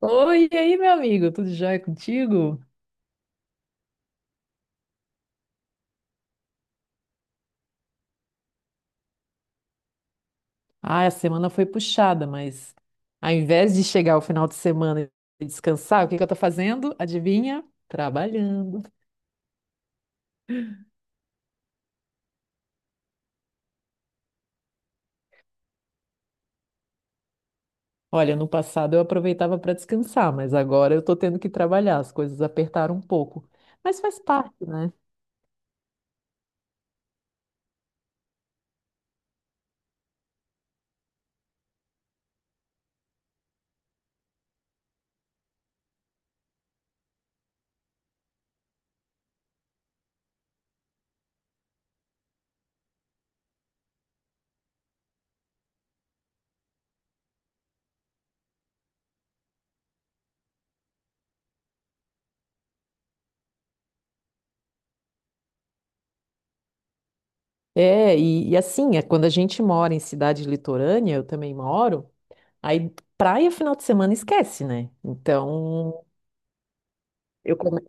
Oi, e aí, meu amigo, tudo jóia contigo? Ah, a semana foi puxada, mas ao invés de chegar o final de semana e descansar, o que que eu tô fazendo? Adivinha? Trabalhando. Olha, no passado eu aproveitava para descansar, mas agora eu tô tendo que trabalhar, as coisas apertaram um pouco. Mas faz parte, né? É, e assim, é quando a gente mora em cidade litorânea, eu também moro, aí praia final de semana esquece, né? Então, eu come-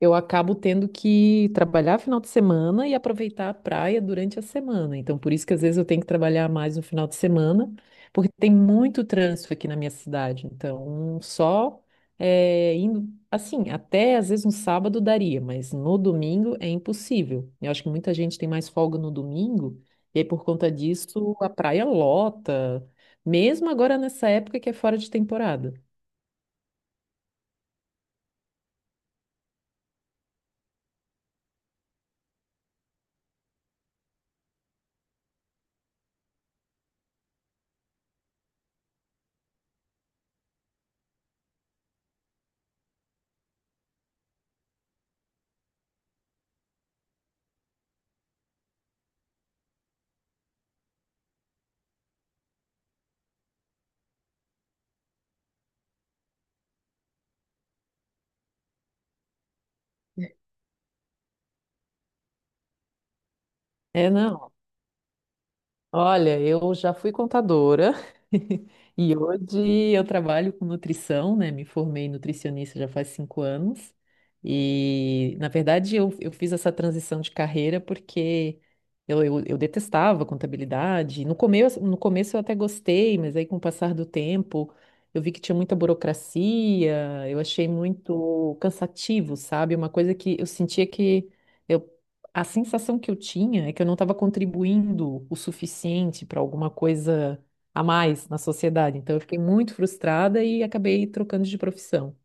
eu acabo tendo que trabalhar final de semana e aproveitar a praia durante a semana. Então, por isso que às vezes eu tenho que trabalhar mais no final de semana, porque tem muito trânsito aqui na minha cidade. Então, só é, indo assim, até às vezes um sábado daria, mas no domingo é impossível. Eu acho que muita gente tem mais folga no domingo, e aí por conta disso a praia lota, mesmo agora nessa época que é fora de temporada. É, não. Olha, eu já fui contadora e hoje eu trabalho com nutrição, né? Me formei em nutricionista já faz 5 anos e, na verdade, eu fiz essa transição de carreira porque eu detestava contabilidade. No começo, no começo eu até gostei, mas aí com o passar do tempo eu vi que tinha muita burocracia, eu achei muito cansativo, sabe? Uma coisa que eu sentia que eu A sensação que eu tinha é que eu não estava contribuindo o suficiente para alguma coisa a mais na sociedade. Então, eu fiquei muito frustrada e acabei trocando de profissão.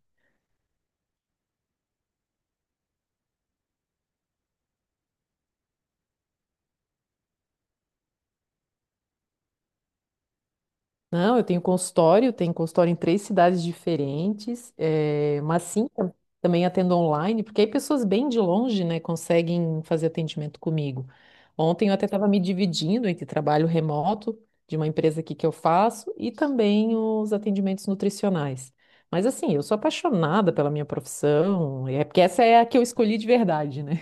Não, eu tenho consultório em três cidades diferentes, mas sim, também atendo online, porque aí pessoas bem de longe, né, conseguem fazer atendimento comigo. Ontem eu até estava me dividindo entre trabalho remoto de uma empresa aqui que eu faço e também os atendimentos nutricionais. Mas assim, eu sou apaixonada pela minha profissão, é porque essa é a que eu escolhi de verdade, né?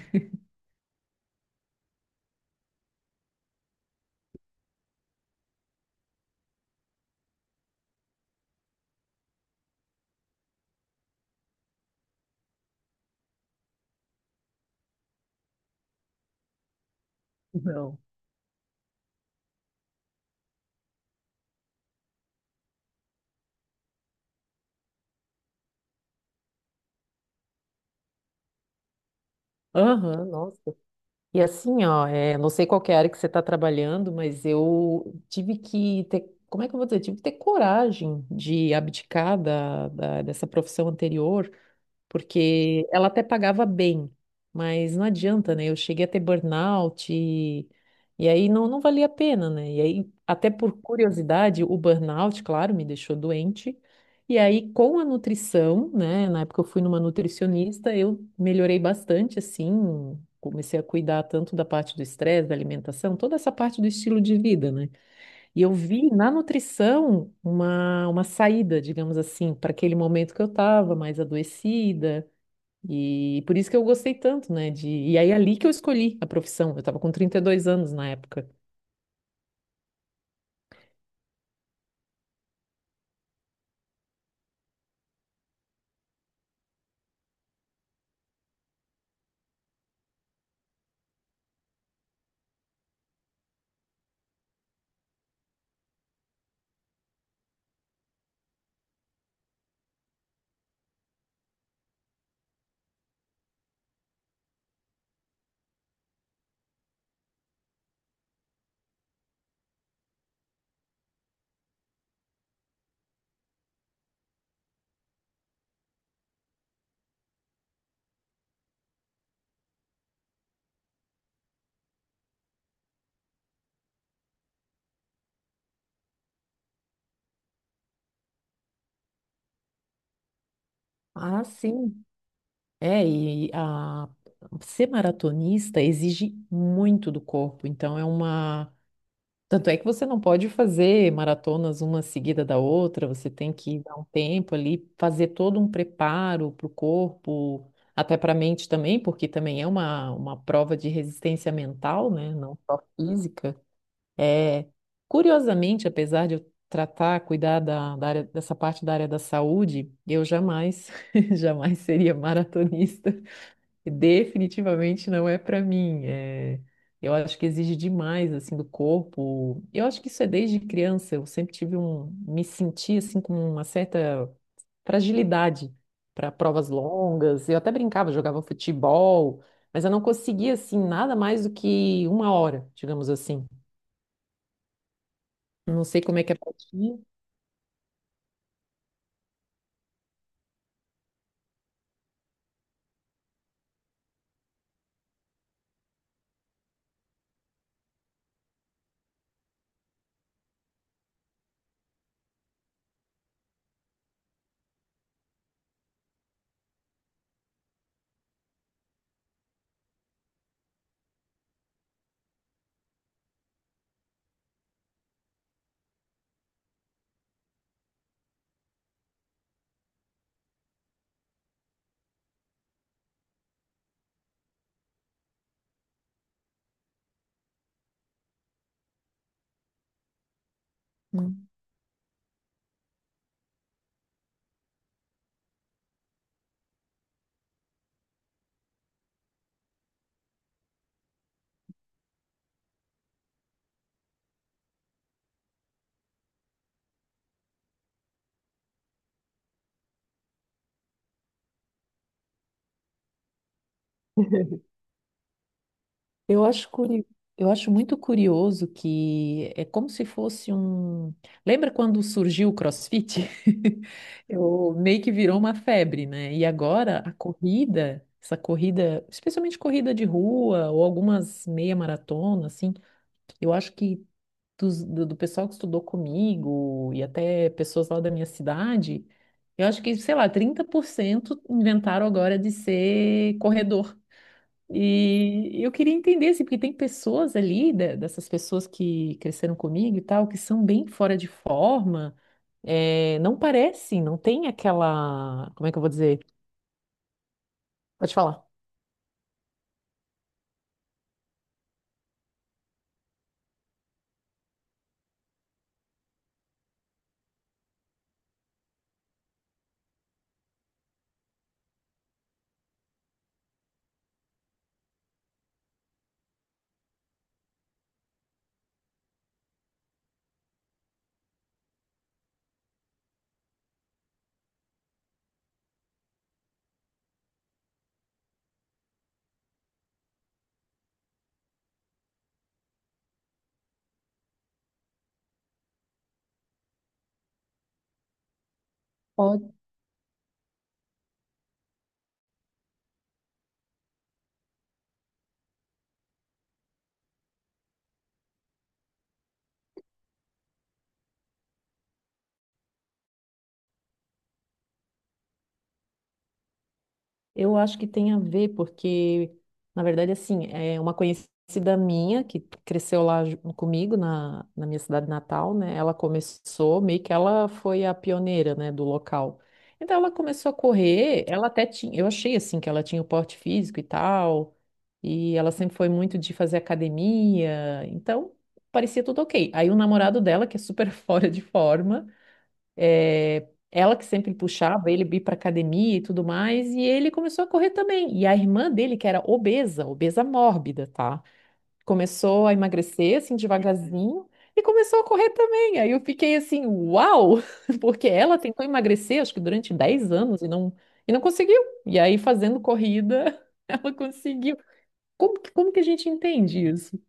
Não. Aham, nossa. E assim, ó, é, não sei qual que é a área que você está trabalhando, mas eu tive que ter, como é que eu vou dizer? Tive que ter coragem de abdicar dessa profissão anterior porque ela até pagava bem, mas não adianta, né? Eu cheguei a ter burnout e aí não, não valia a pena, né? E aí, até por curiosidade, o burnout, claro, me deixou doente. E aí, com a nutrição, né? Na época eu fui numa nutricionista, eu melhorei bastante, assim, comecei a cuidar tanto da parte do estresse, da alimentação, toda essa parte do estilo de vida, né? E eu vi na nutrição uma saída, digamos assim, para aquele momento que eu estava mais adoecida. E por isso que eu gostei tanto, né? E aí ali que eu escolhi a profissão. Eu estava com 32 anos na época. Ah, sim. É, e a... Ser maratonista exige muito do corpo. Então é uma. Tanto é que você não pode fazer maratonas uma seguida da outra, você tem que dar um tempo ali, fazer todo um preparo para o corpo, até para a mente também, porque também é uma prova de resistência mental, né? Não só física. É, curiosamente, apesar de eu tratar, cuidar da, da área, dessa parte da área da saúde, eu jamais, jamais seria maratonista. Definitivamente não é para mim. É, eu acho que exige demais assim do corpo. Eu acho que isso é desde criança. Eu sempre tive um, me senti assim com uma certa fragilidade para provas longas. Eu até brincava, jogava futebol, mas eu não conseguia assim nada mais do que uma hora, digamos assim. Não sei como é que é pra ti. Hum. Eu acho curi... eu acho muito curioso que é como se fosse um. Lembra quando surgiu o CrossFit? Eu meio que virou uma febre, né? E agora a corrida, essa corrida, especialmente corrida de rua ou algumas meia maratona, assim, eu acho que do pessoal que estudou comigo e até pessoas lá da minha cidade, eu acho que, sei lá, 30% inventaram agora de ser corredor. E eu queria entender, assim, porque tem pessoas ali, dessas pessoas que cresceram comigo e tal, que são bem fora de forma, é, não parecem, não tem aquela, como é que eu vou dizer? Pode falar. Eu acho que tem a ver, porque, na verdade, assim, é uma conhecida minha que cresceu lá comigo, na, na minha cidade natal, né? Ela começou, meio que ela foi a pioneira, né, do local. Então, ela começou a correr, ela até tinha, eu achei, assim, que ela tinha o porte físico e tal, e ela sempre foi muito de fazer academia, então, parecia tudo ok. Aí, o namorado dela, que é super fora de forma, é, ela que sempre puxava ele para pra academia e tudo mais, e ele começou a correr também. E a irmã dele, que era obesa, obesa mórbida, tá? Começou a emagrecer assim devagarzinho e começou a correr também. Aí eu fiquei assim, uau! Porque ela tentou emagrecer, acho que durante 10 anos e não conseguiu. E aí fazendo corrida, ela conseguiu. Como que a gente entende isso?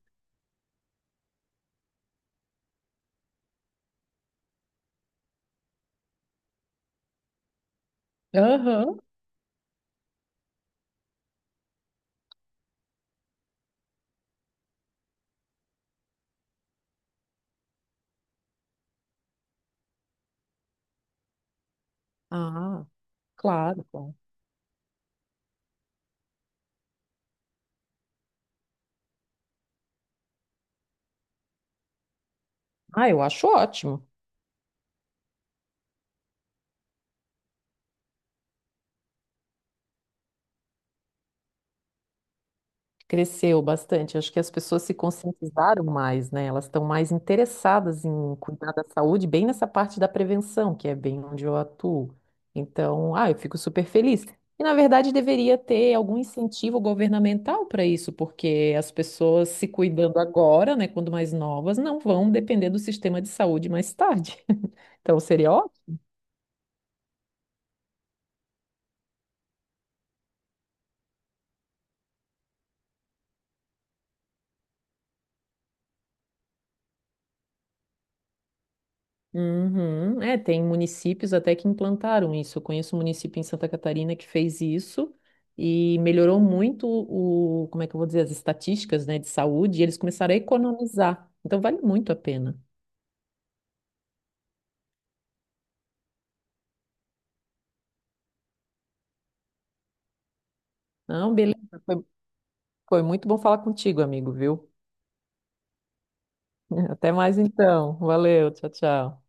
Aham. Ah, claro, claro. Ah, eu acho ótimo. Cresceu bastante. Acho que as pessoas se conscientizaram mais, né? Elas estão mais interessadas em cuidar da saúde, bem nessa parte da prevenção, que é bem onde eu atuo. Então, ah, eu fico super feliz. E, na verdade, deveria ter algum incentivo governamental para isso, porque as pessoas se cuidando agora, né, quando mais novas, não vão depender do sistema de saúde mais tarde. Então, seria ótimo. Uhum. É, tem municípios até que implantaram isso. Eu conheço um município em Santa Catarina que fez isso e melhorou muito o, como é que eu vou dizer, as estatísticas, né, de saúde, e eles começaram a economizar. Então vale muito a pena. Não, beleza. Foi, foi muito bom falar contigo, amigo, viu? Até mais então. Valeu, tchau, tchau.